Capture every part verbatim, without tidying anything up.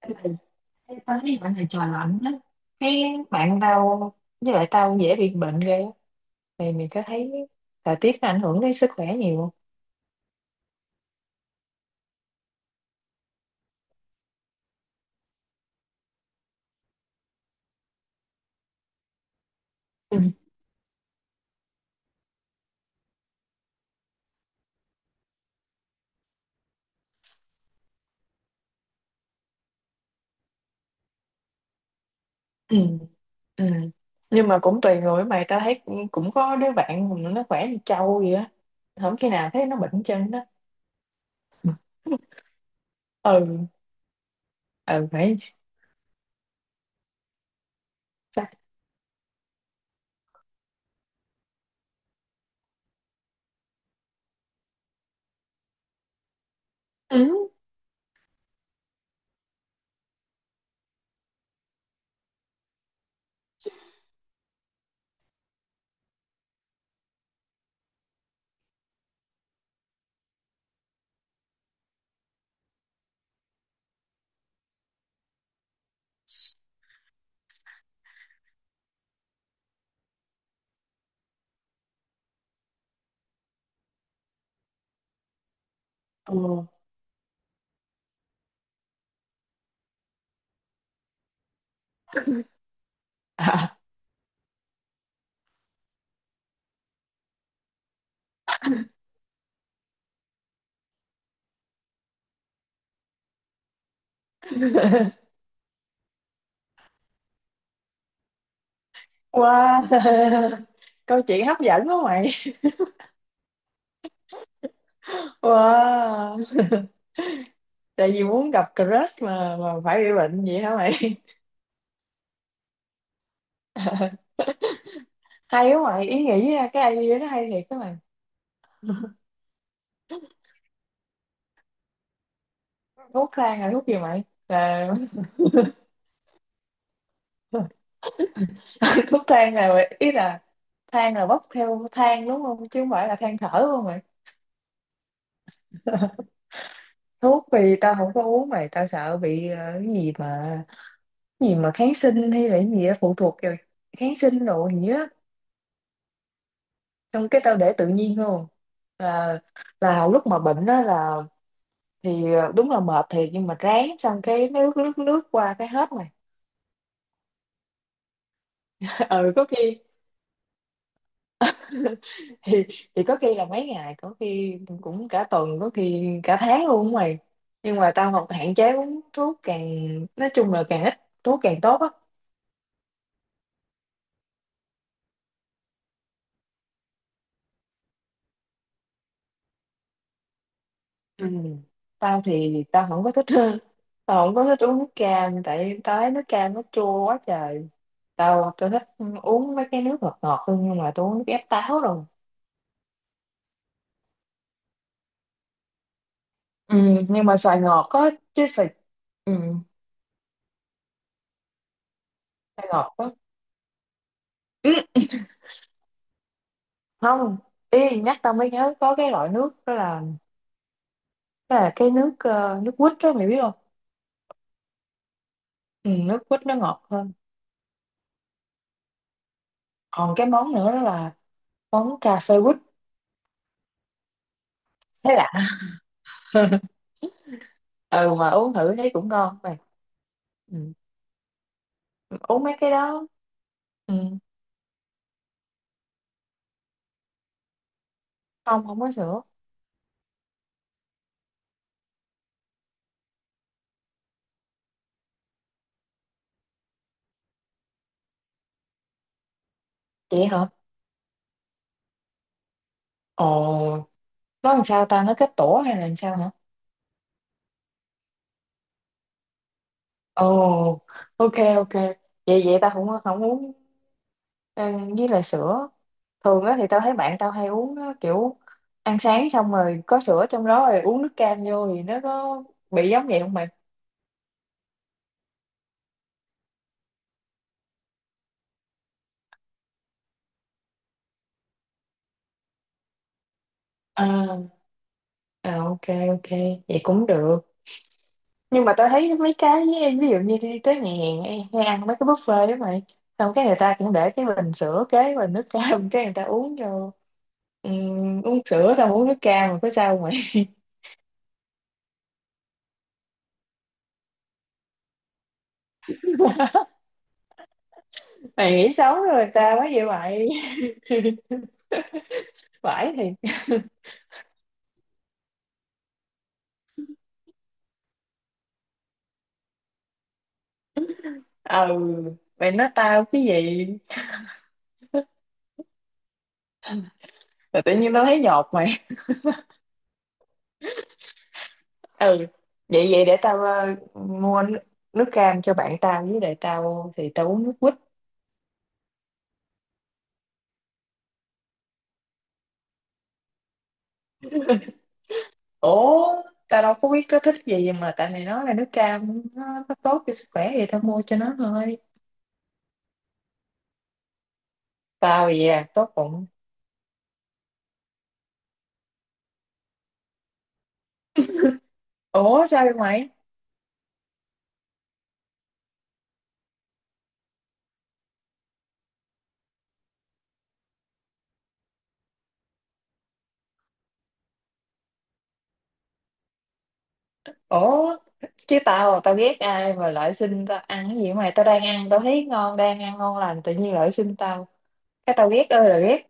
Ê, bà- thấy bạn này trời lạnh á, cái bạn tao, với lại tao dễ bị bệnh ghê á. Mày mày có thấy thời tiết nó ảnh hưởng đến sức khỏe nhiều không? Ừ. ừ, ừ. Nhưng mà cũng tùy người mày, tao thấy cũng có đứa bạn mà nó khỏe như trâu vậy á, không khi nào thấy nó bệnh chân đó. Ừ. Ừ phải. Sao? Ừ. Ừ. À. Wow. Câu chuyện hấp dẫn quá mày. Wow. Tại vì muốn gặp crush mà mà phải bị bệnh vậy hả mày? Hay quá mày, ý nghĩ á, cái idea nó hay thiệt các mày. Thuốc thang là thuốc gì mày? Là- thuốc thang là ý là than là bốc theo than đúng không, chứ không phải là than thở, đúng không mày? Thuốc thì tao không có uống mày, tao sợ bị ờ, cái gì mà- cái gì mà kháng sinh hay là cái gì đó phụ thuộc rồi, kháng sinh rồi gì á. Xong cái tao để tự nhiên luôn. Là- là lúc mà bệnh đó là- thì ờ, đúng là mệt thiệt, nhưng mà ráng xong cái nước nước nước qua cái hết mày. Ừ, có khi- thì- thì có khi là mấy ngày, có khi cũng cả tuần, có khi cả tháng luôn á mày. Nhưng mà tao học hạn chế uống thuốc, càng nói chung là càng ít thuốc càng tốt á. Ừ. Tao thì tao không có thích. Tao không có thích uống nước cam tại tao thấy nước cam nó chua quá trời. Tao tao thích uống mấy cái nước ngọt ngọt hơn, nhưng mà tao uống nước ép táo rồi. Ừ, nhưng mà xoài ngọt có, chứ xoài- ừ. Xoài ngọt có. Ừ. Không, ý nhắc tao mới nhớ có cái loại nước đó là- đó là cái nước ờ, nước quýt đó mày biết không? Ừ, nước quýt nó ngọt hơn. Còn cái món nữa đó là món cà phê quýt. Thấy lạ. Ừ mà uống thử thấy cũng ngon mày. Ừ. Uống mấy cái đó. Ừ. Không, không có sữa. Vậy hả? Ồ, nó làm sao ta, nó kết tổ hay là làm sao hả? Ồ. Ok, ok. Vậy vậy ta không, không uống. Ờ, với lại sữa thường á thì tao thấy bạn tao hay uống á, kiểu ăn sáng xong rồi có sữa trong đó rồi uống nước cam vô thì nó có bị giống vậy không mày? À, à ok. Ok, vậy cũng được. Nhưng mà tao thấy mấy cái, ví dụ như đi tới nhà hàng hay, hay ăn mấy cái buffet đó mày, xong cái người ta cũng để cái bình sữa kế bình nước cam, cái người ta uống vô. Ừm, uống sữa xong uống nước cam rồi có sao mày? Mày nghĩ xấu rồi người ta quá vậy mày. Phải thì- ừ. Mày nói tao cái gì? Rồi tự nhiên tao thấy nhột mày. Ừ, vậy vậy để tao ờ, mua nước, nước cam cho bạn tao, với lại tao thì tao uống nước quýt. Ủa, tao đâu có biết nó thích gì mà, tại mày nói là nước cam nó, nó tốt cho sức khỏe thì tao mua cho nó thôi. Tao gì à, tốt bụng. Ủa sao vậy mày? Ủa, chứ tao tao ghét ai mà lại xin tao ăn cái gì vậy mày, tao đang ăn tao thấy ngon, đang ăn ngon lành tự nhiên lại xin tao, cái tao ghét ơi là ghét.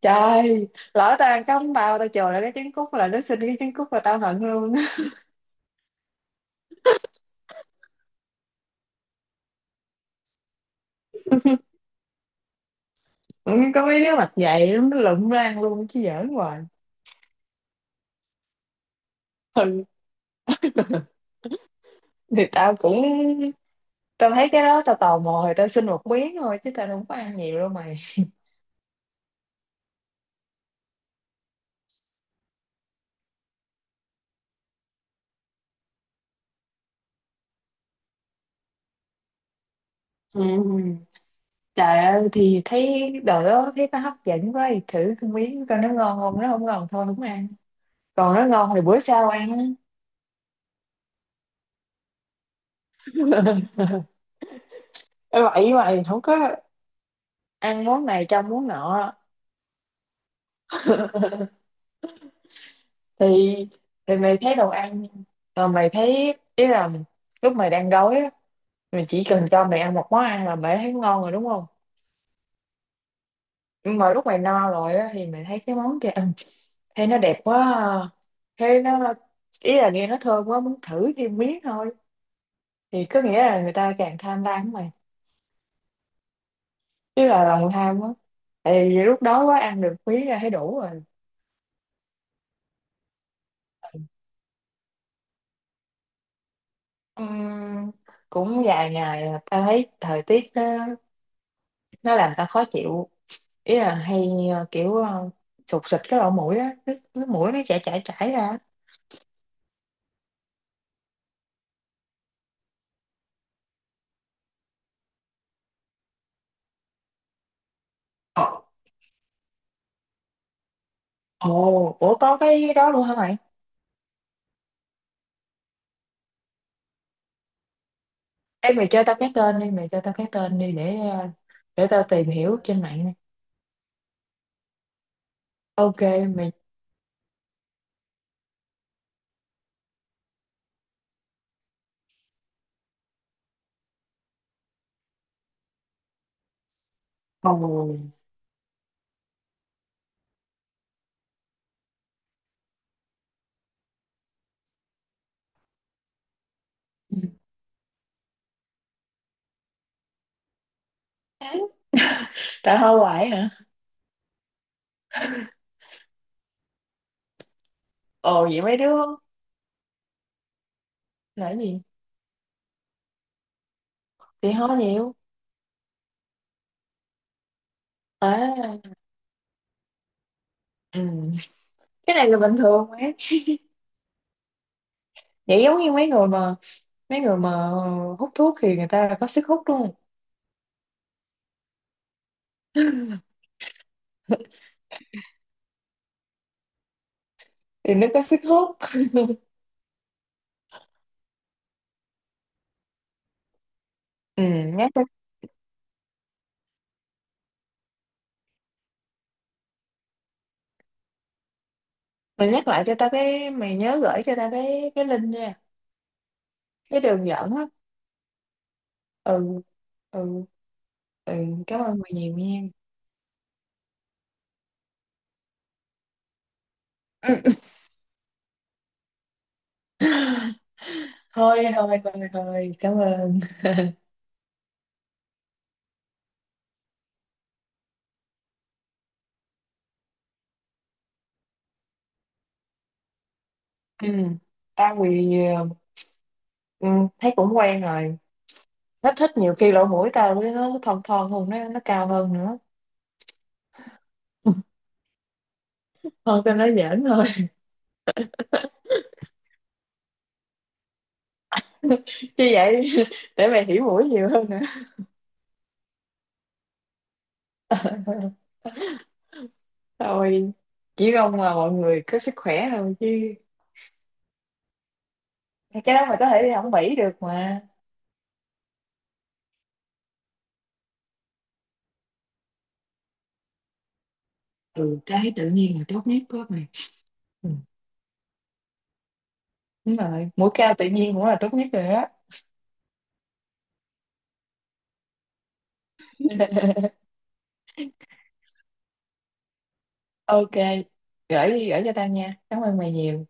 Trời, lỡ tao ăn cắm bao tao chừa lại cái trứng cút, là nó xin cái trứng cút là tao hận luôn. Vẫn có mấy đứa mặt dày lắm, nó lụm ra ăn luôn chứ giỡn hoài. Ừ. Thì tao cũng- tao thấy cái đó tao tò mò thì tao xin một miếng thôi, chứ tao không có ăn nhiều đâu mày. Ừ. Trời ơi thì thấy đồ đó thấy nó hấp dẫn quá thì thử cái miếng coi nó ngon không, nó không ngon thôi không ăn, còn nó ngon thì bữa sau ăn á. Ê, vậy mày không có ăn món này trong món nọ. Thì- thì mày thấy đồ ăn, rồi mày thấy ý là lúc mày đang đói á, mày chỉ cần cho mày ăn một món ăn là mày thấy ngon rồi đúng không? Nhưng mà lúc mày no rồi á thì mày thấy cái món kia ăn, thấy nó đẹp quá à, thấy nó- ý là nghe nó thơm quá, muốn thử thêm miếng thôi. Thì có nghĩa là người ta càng tham lam của mày, chứ là lòng tham á, tại vì lúc đó quá ăn được miếng là thấy đủ rồi. Ừm, cũng vài ngày là tao thấy thời tiết nó, nó làm tao khó chịu. Ý là hay ờ, kiểu ờ, sụt sịt cái lỗ mũi á, cái, cái mũi nó chảy chảy chảy ra. Ồ, ủa có cái đó luôn hả mày? Ê mày cho tao cái tên đi, mày cho tao cái tên đi để ờ, để tao tìm hiểu trên mạng nè. Ok mày. Ồ. Tại hoa hoài hả? Ồ vậy mấy đứa là cái gì? Thì ho nhiều. À, ừ. Cái này là bình thường mà. Vậy giống như mấy người mà- mấy người mà hút thuốc thì người ta là có sức hút đúng không? Thì nó có sức hút. Ừ, nhắc cho- mày nhắc lại cho tao cái, mày nhớ gửi cho tao cái cái link nha. Cái đường dẫn á. Ừ. Ừ. Ừ, cảm ơn mày nhiều nha. Thôi thôi thôi thôi, cảm ơn. Ừ. Tao bị- ừ, thấy cũng quen rồi. Hết thích, nhiều khi lỗ mũi tao với nó thon thon hơn, nó nó cao hơn nữa. Thôi tao nói giỡn thôi. Chứ vậy để mày hiểu mũi nhiều hơn nữa. Thôi, chỉ mong là mọi người có sức khỏe thôi chứ. Cái đó mày có thể đi học Mỹ được mà. Ừ, cái tự nhiên là tốt nhất của mày. Ừ. Đúng rồi, mũi cao tự nhiên cũng là tốt nhất rồi á. Ok, gửi gửi cho tao nha, cảm ơn mày nhiều.